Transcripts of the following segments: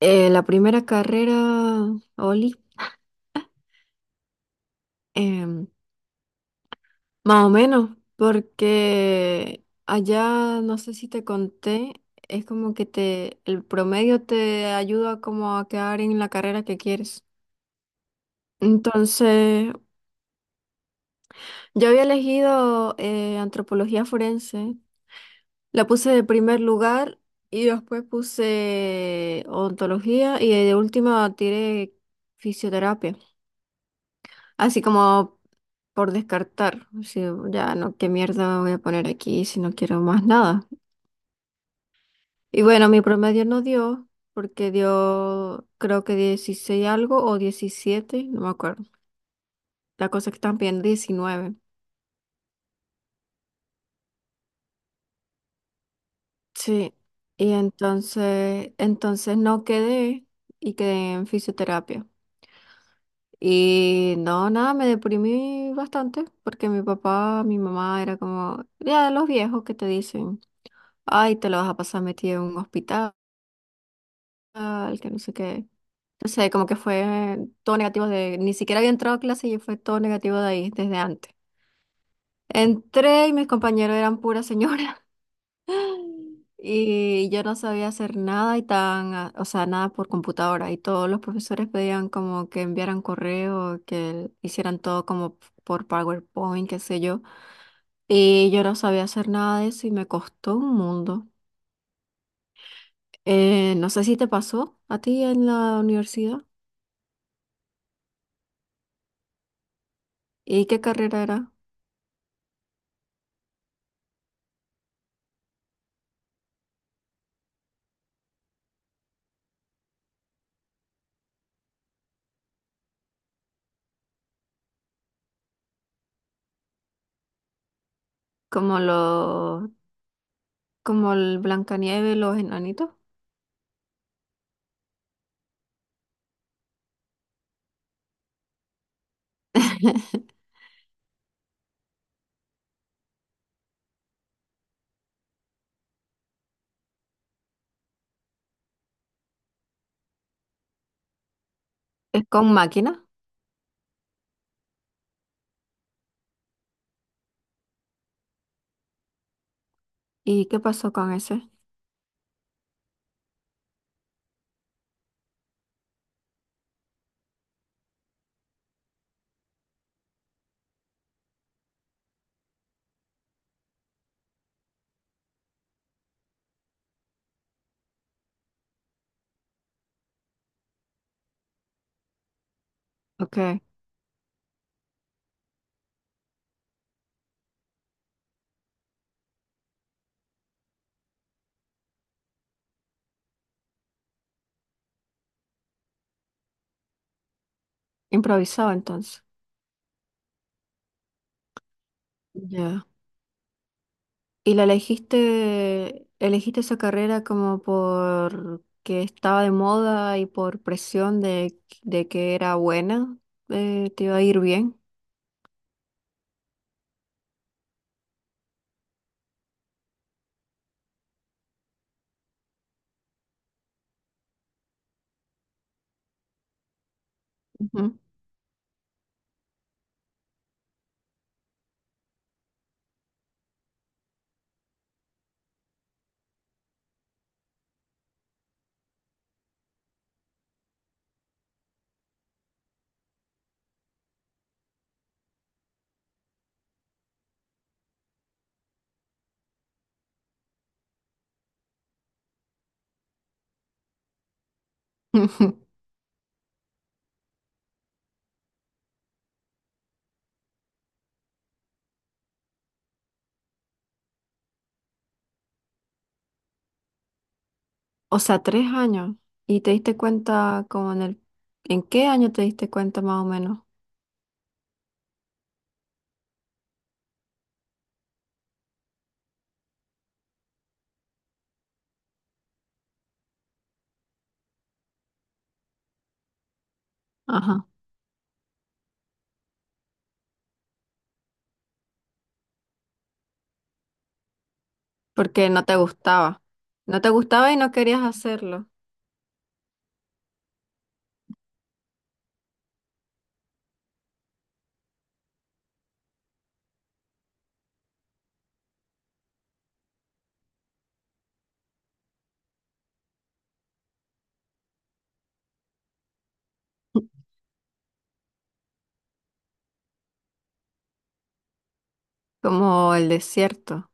La primera carrera, Oli, em, más o menos, porque allá, no sé si te conté, es como que te, el promedio te ayuda como a quedar en la carrera que quieres. Entonces, yo había elegido antropología forense, la puse de primer lugar y después puse odontología y de última tiré fisioterapia. Así como por descartar, si ya no, qué mierda voy a poner aquí si no quiero más nada. Y bueno, mi promedio no dio, porque dio creo que 16 algo o diecisiete, no me acuerdo. La cosa es que están pidiendo 19. Sí. Y entonces no quedé y quedé en fisioterapia. Y no, nada, me deprimí bastante porque mi papá, mi mamá era como, ya de los viejos que te dicen, ay, te lo vas a pasar metido en un hospital al que no sé qué. No sé, como que fue todo negativo de, ni siquiera había entrado a clase y fue todo negativo de ahí desde antes. Entré y mis compañeros eran pura señora y yo no sabía hacer nada y tan, ah, o sea, nada por computadora y todos los profesores pedían como que enviaran correo, que hicieran todo como por PowerPoint, qué sé yo. Y yo no sabía hacer nada de eso y me costó un mundo. No sé si te pasó a ti en la universidad y qué carrera era. Como los, como el Blancanieves, los enanitos. Es con máquina. ¿Y qué pasó con ese? Ok, improvisado entonces. Ya. ¿Y la elegiste, elegiste esa carrera como por que estaba de moda y por presión de que era buena? ¿Te iba a ir bien? Ujú. O sea, 3 años. ¿Y te diste cuenta como en el... ¿En qué año te diste cuenta más o menos? Ajá. Porque no te gustaba. No te gustaba y no querías hacerlo, como el desierto.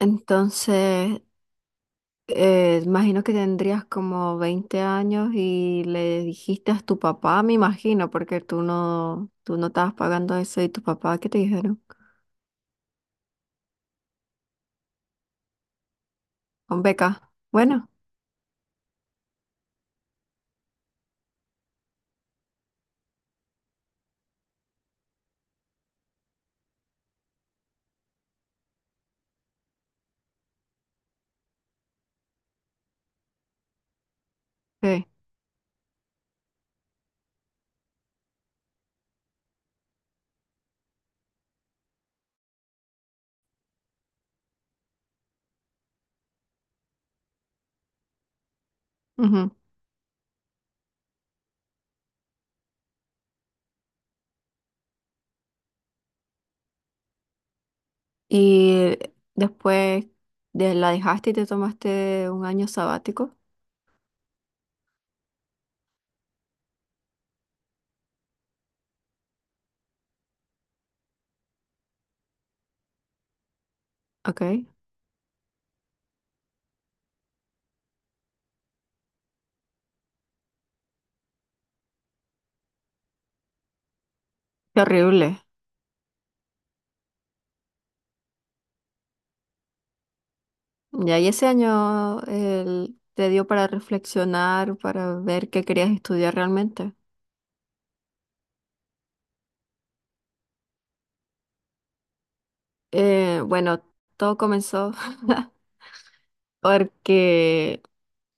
Entonces, imagino que tendrías como 20 años y le dijiste a tu papá, me imagino, porque tú no estabas pagando eso y tu papá, ¿qué te dijeron? Con beca. Bueno, sí. Ujú. Y después de, la dejaste y te tomaste un año sabático. Ok. Qué horrible. Ya, y ese año el- te dio para reflexionar, para ver qué querías estudiar realmente. Bueno, todo comenzó porque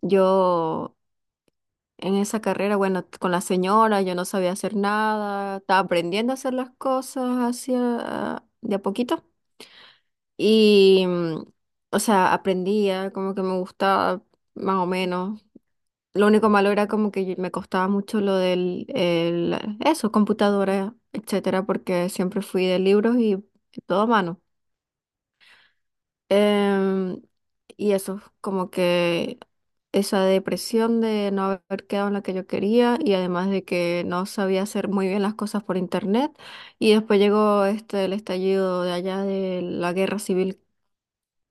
yo en esa carrera, bueno, con la señora, yo no sabía hacer nada, estaba aprendiendo a hacer las cosas así a- de a poquito. Y, o sea, aprendía, como que me gustaba más o menos. Lo único malo era como que me costaba mucho lo del, el- eso, computadora, etcétera, porque siempre fui de libros y todo a mano. Em, y eso, como que esa depresión de no haber quedado en la que yo quería y además de que no sabía hacer muy bien las cosas por internet. Y después llegó este, el estallido de allá de la guerra civil,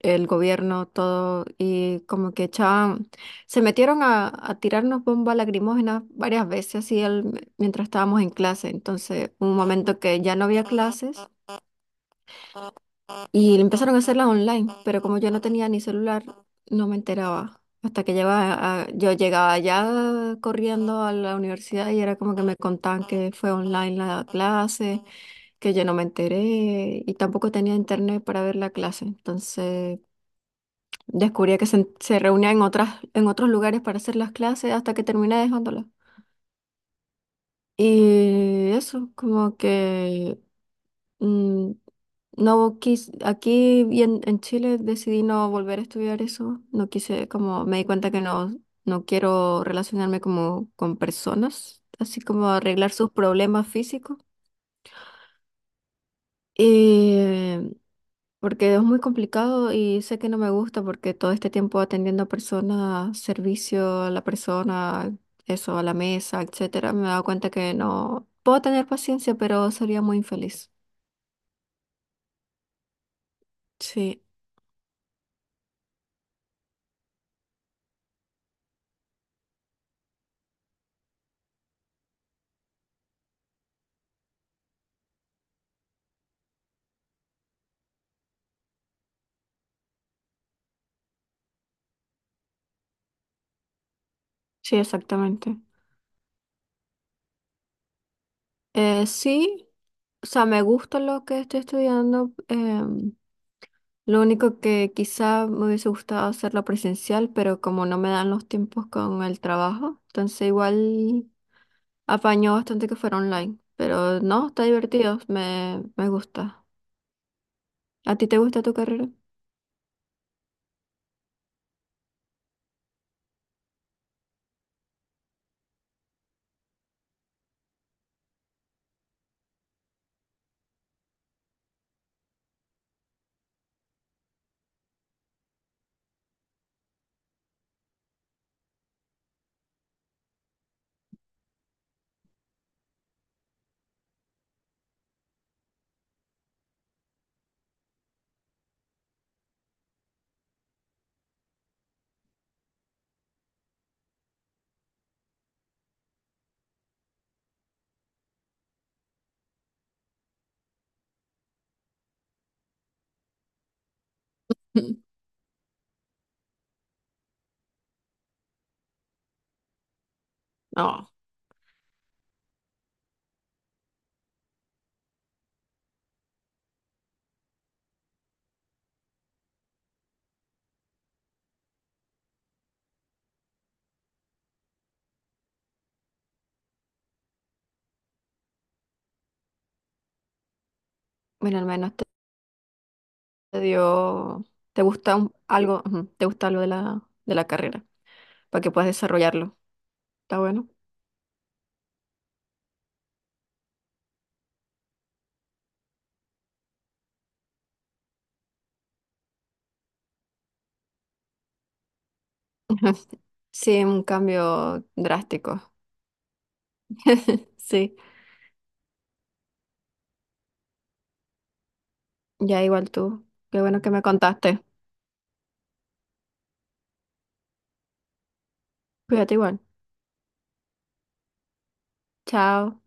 el gobierno, todo, y como que echaban, se metieron a tirarnos bombas lacrimógenas varias veces, así al- mientras estábamos en clase. Entonces, un momento que ya no había clases y empezaron a hacerlas online, pero como yo no tenía ni celular, no me enteraba. Hasta que llegaba a- yo llegaba ya corriendo a la universidad y era como que me contaban que fue online la clase, que yo no me enteré y tampoco tenía internet para ver la clase. Entonces, descubría que se reunía en otras, en otros lugares para hacer las clases hasta que terminé dejándola. Y eso, como que mm, no quise aquí y en Chile decidí no volver a estudiar eso. No quise, como me di cuenta que no, no quiero relacionarme como con personas, así como arreglar sus problemas físicos. Eh, porque es muy complicado y sé que no me gusta porque todo este tiempo atendiendo a personas, servicio a la persona, eso, a la mesa, etcétera, me he dado cuenta que no puedo tener paciencia, pero sería muy infeliz. Sí, sí, exactamente. Sí, o sea, me gusta lo que estoy estudiando. Lo único que quizá me hubiese gustado hacerlo presencial, pero como no me dan los tiempos con el trabajo, entonces igual apañó bastante que fuera online. Pero no, está divertido, me gusta. ¿A ti te gusta tu carrera? No, bueno, al menos te te dio, te gusta un- algo, ujú, te gusta algo de la carrera, para que puedas desarrollarlo. ¿Está bueno? Sí, un cambio drástico. Sí, ya igual tú. Qué bueno que me contaste. Cuídate igual. Chao.